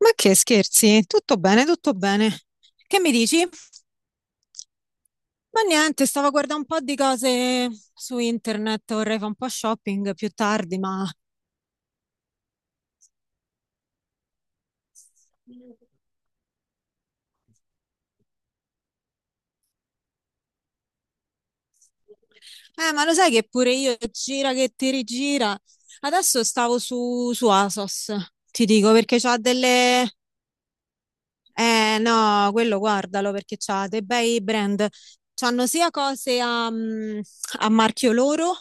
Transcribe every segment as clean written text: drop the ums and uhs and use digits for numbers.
Ma che scherzi? Tutto bene, tutto bene. Che mi dici? Ma niente, stavo a guardare un po' di cose su internet, vorrei fare un po' shopping più tardi, ma. Ma lo sai che pure io, gira che ti rigira. Adesso stavo su ASOS, ti dico, perché c'ha delle. Eh no, quello guardalo perché c'ha dei bei brand. C'hanno sia cose a marchio loro,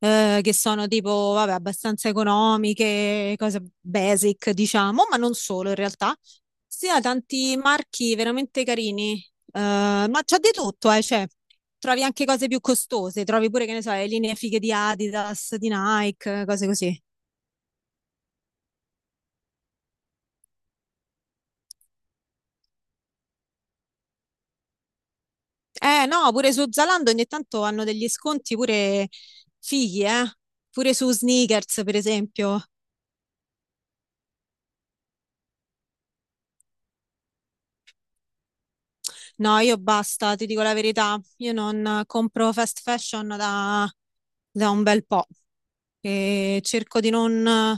che sono tipo, vabbè, abbastanza economiche, cose basic, diciamo, ma non solo in realtà. Sia tanti marchi veramente carini. Ma c'è di tutto, cioè, trovi anche cose più costose, trovi pure, che ne so, le linee fighe di Adidas, di Nike, cose così. Eh no, pure su Zalando ogni tanto hanno degli sconti pure fighi, eh? Pure su sneakers, per esempio. No, io basta, ti dico la verità. Io non compro fast fashion da un bel po'. E cerco di non,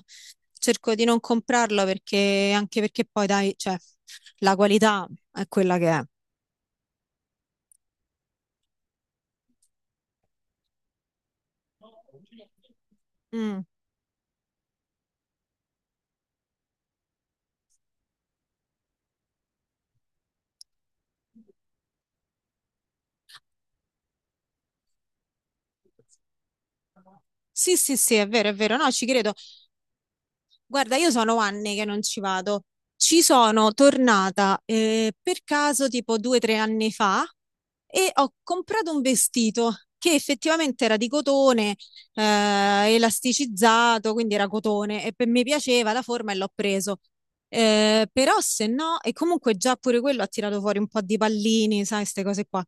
cerco di non comprarlo perché, anche perché poi, dai, cioè, la qualità è quella che è. Mm. Sì, sì, sì, è vero, è vero. No, ci credo. Guarda, io sono anni che non ci vado. Ci sono tornata, per caso tipo 2 o 3 anni fa e ho comprato un vestito che effettivamente era di cotone, eh, elasticizzato, quindi era cotone e mi piaceva la forma e l'ho preso. Però se no, e comunque già pure quello ha tirato fuori un po' di pallini, sai, queste cose qua.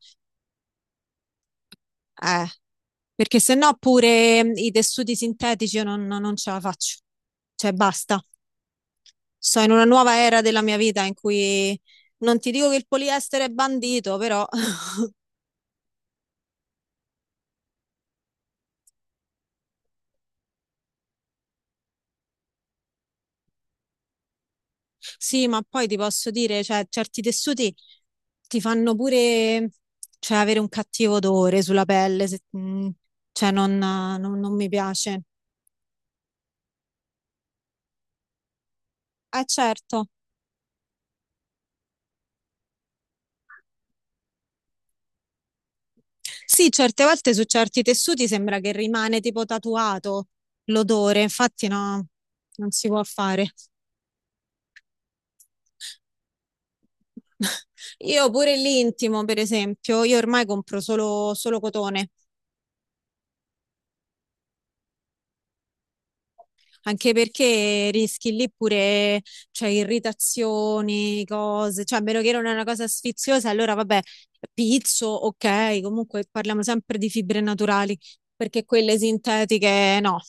Eh, perché se no pure, mm, i tessuti sintetici io non ce la faccio. Cioè, basta. Sto in una nuova era della mia vita in cui non ti dico che il poliestere è bandito, però sì, ma poi ti posso dire, cioè, certi tessuti ti fanno pure, cioè, avere un cattivo odore sulla pelle, cioè, non mi piace. Certo. Sì, certe volte su certi tessuti sembra che rimane tipo tatuato l'odore, infatti no, non si può fare. Io pure l'intimo, per esempio, io ormai compro solo, solo cotone, anche perché rischi lì pure, cioè, irritazioni, cose, cioè, a meno che non è una cosa sfiziosa, allora vabbè, pizzo, ok, comunque parliamo sempre di fibre naturali, perché quelle sintetiche no.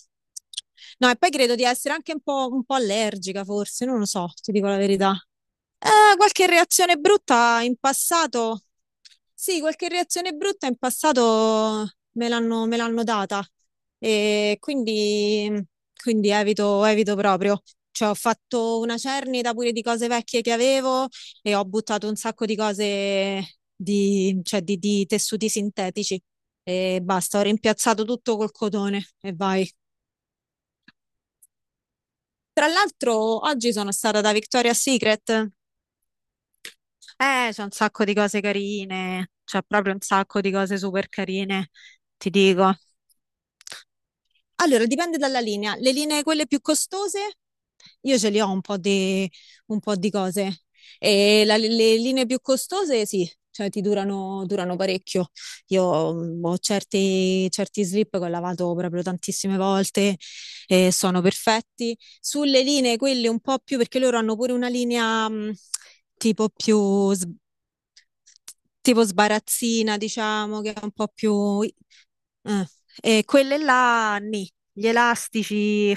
No, e poi credo di essere anche un po' allergica, forse, non lo so, ti dico la verità. Qualche reazione brutta in passato? Sì, qualche reazione brutta in passato me l'hanno data e quindi, quindi evito, evito proprio. Cioè, ho fatto una cernita pure di cose vecchie che avevo e ho buttato un sacco di cose di, cioè, di tessuti sintetici e basta, ho rimpiazzato tutto col cotone e vai. Tra l'altro, oggi sono stata da Victoria's Secret. C'è un sacco di cose carine, c'è proprio un sacco di cose super carine, ti dico. Allora, dipende dalla linea. Le linee quelle più costose, io ce li ho un po' di cose. E le linee più costose, sì, cioè ti durano, durano parecchio. Io, mm, ho certi, certi slip che ho lavato proprio tantissime volte e sono perfetti. Sulle linee, quelle un po' più, perché loro hanno pure una linea, mm, tipo più sbagliata. Tipo sbarazzina, diciamo, che è un po' più. Eh. E quelle là, nì. Gli elastici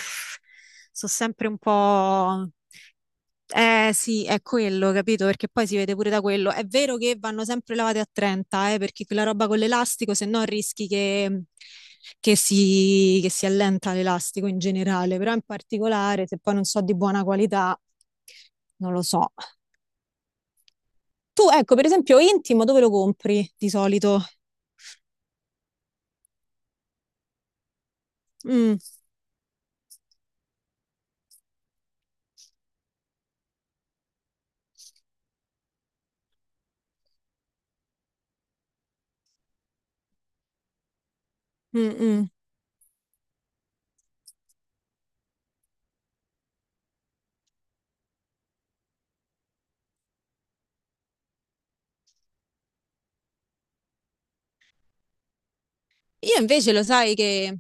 sono sempre un po'. Eh sì, è quello, capito? Perché poi si vede pure da quello. È vero che vanno sempre lavate a 30, perché quella roba con l'elastico, se no rischi che si allenta l'elastico in generale, però in particolare, se poi non so di buona qualità, non lo so. Tu, ecco, per esempio, intimo, dove lo compri di solito? Mm, mm, mm. Io invece lo sai che...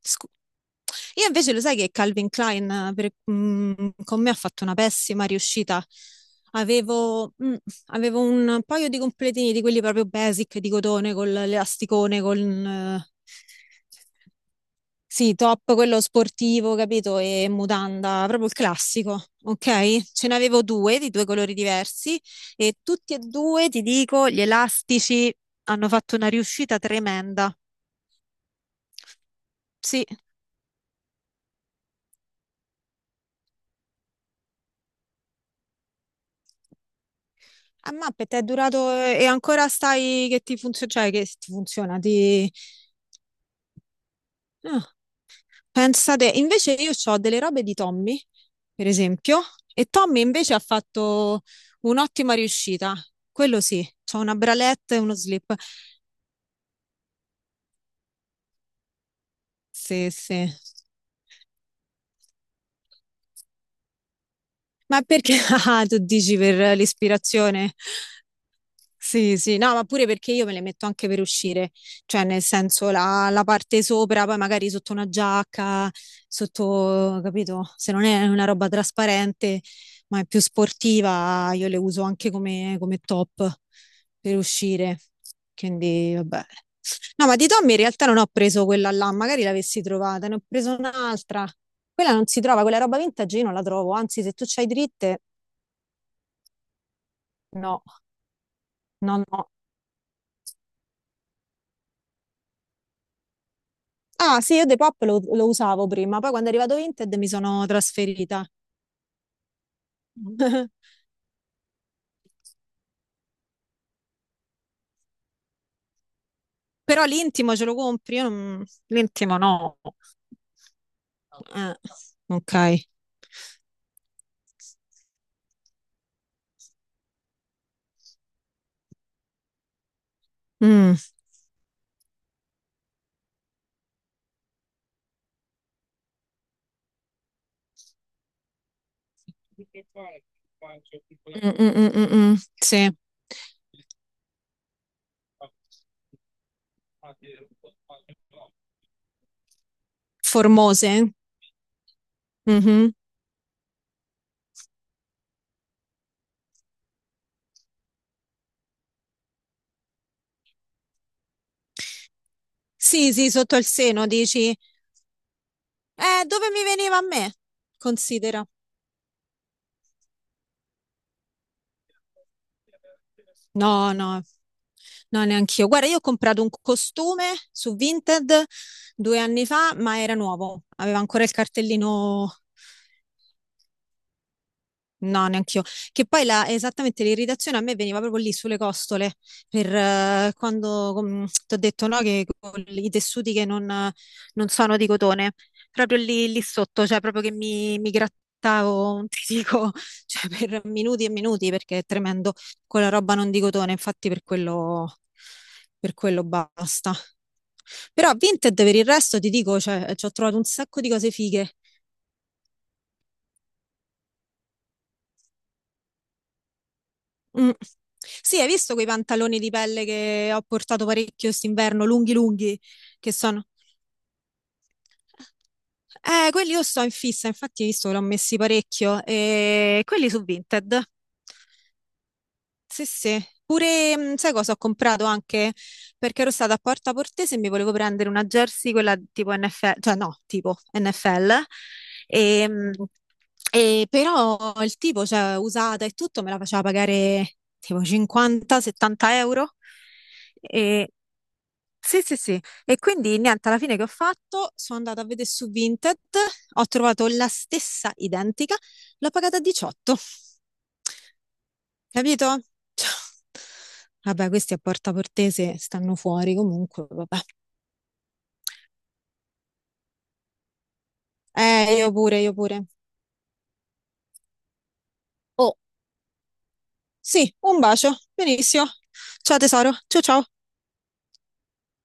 scu- Io invece lo sai che Calvin Klein, con me ha fatto una pessima riuscita. Avevo, mm, avevo un paio di completini di quelli proprio basic di cotone con l'elasticone, con. Eh, sì, top, quello sportivo, capito? E mutanda, proprio il classico, ok? Ce n'avevo due di due colori diversi e tutti e due, ti dico, gli elastici hanno fatto una riuscita tremenda. Sì, a Muppet è durato e ancora stai che ti funziona, cioè che ti funziona, ti. Ah, pensate, invece io ho delle robe di Tommy, per esempio, e Tommy invece ha fatto un'ottima riuscita, quello sì, c'ho una bralette e uno slip, sì, sì. Ma perché, ah, tu dici per l'ispirazione? Sì, sì, no, ma pure perché io me le metto anche per uscire, cioè nel senso la parte sopra, poi magari sotto una giacca, sotto, capito? Se non è una roba trasparente, ma è più sportiva, io le uso anche come, come top per uscire. Quindi, vabbè. No, ma di Tommy in realtà non ho preso quella là, magari l'avessi trovata, ne ho preso un'altra. Quella non si trova, quella roba vintage io non la trovo, anzi se tu c'hai dritte, no, no, no. Ah, sì, io Depop lo usavo prima, poi quando è arrivato Vinted mi sono trasferita. Però l'intimo ce lo compri? Io non. L'intimo no. Eh, ok. Mm, mm, mm, mm, mm, mm. Sì, formose. Mhm. Sì, sì, sotto il seno dici, dove mi veniva a me? Considera. No, no, no, neanch'io. Guarda, io ho comprato un costume su Vinted 2 anni fa, ma era nuovo, aveva ancora il cartellino. No, neanch'io. Che poi esattamente l'irritazione a me veniva proprio lì sulle costole, per, quando ti ho detto no, che con i tessuti che non, non sono di cotone, proprio lì, lì sotto, cioè proprio che mi grattavo, non ti dico, cioè per minuti e minuti, perché è tremendo, quella roba non di cotone, infatti per quello basta. Però a Vinted per il resto ti dico, cioè, ci ho trovato un sacco di cose fighe. Mm. Sì, hai visto quei pantaloni di pelle che ho portato parecchio quest'inverno, lunghi lunghi, che sono. Quelli io sto in fissa, infatti hai visto che l'ho messi parecchio, e quelli su Vinted. Sì, sì. Pure, sai cosa ho comprato anche? Perché ero stata a Porta Portese e mi volevo prendere una jersey, quella tipo NFL, cioè no, tipo NFL. E, mh, e però il tipo, cioè, usata e tutto, me la faceva pagare tipo 50-70 euro. Sì, sì, sì. E quindi niente, alla fine che ho fatto, sono andata a vedere su Vinted, ho trovato la stessa identica, l'ho pagata a 18. Capito? Cioè, vabbè, questi a Porta Portese stanno fuori comunque, vabbè. Io pure, io pure. Oh, sì, un bacio. Benissimo. Ciao tesoro. Ciao ciao.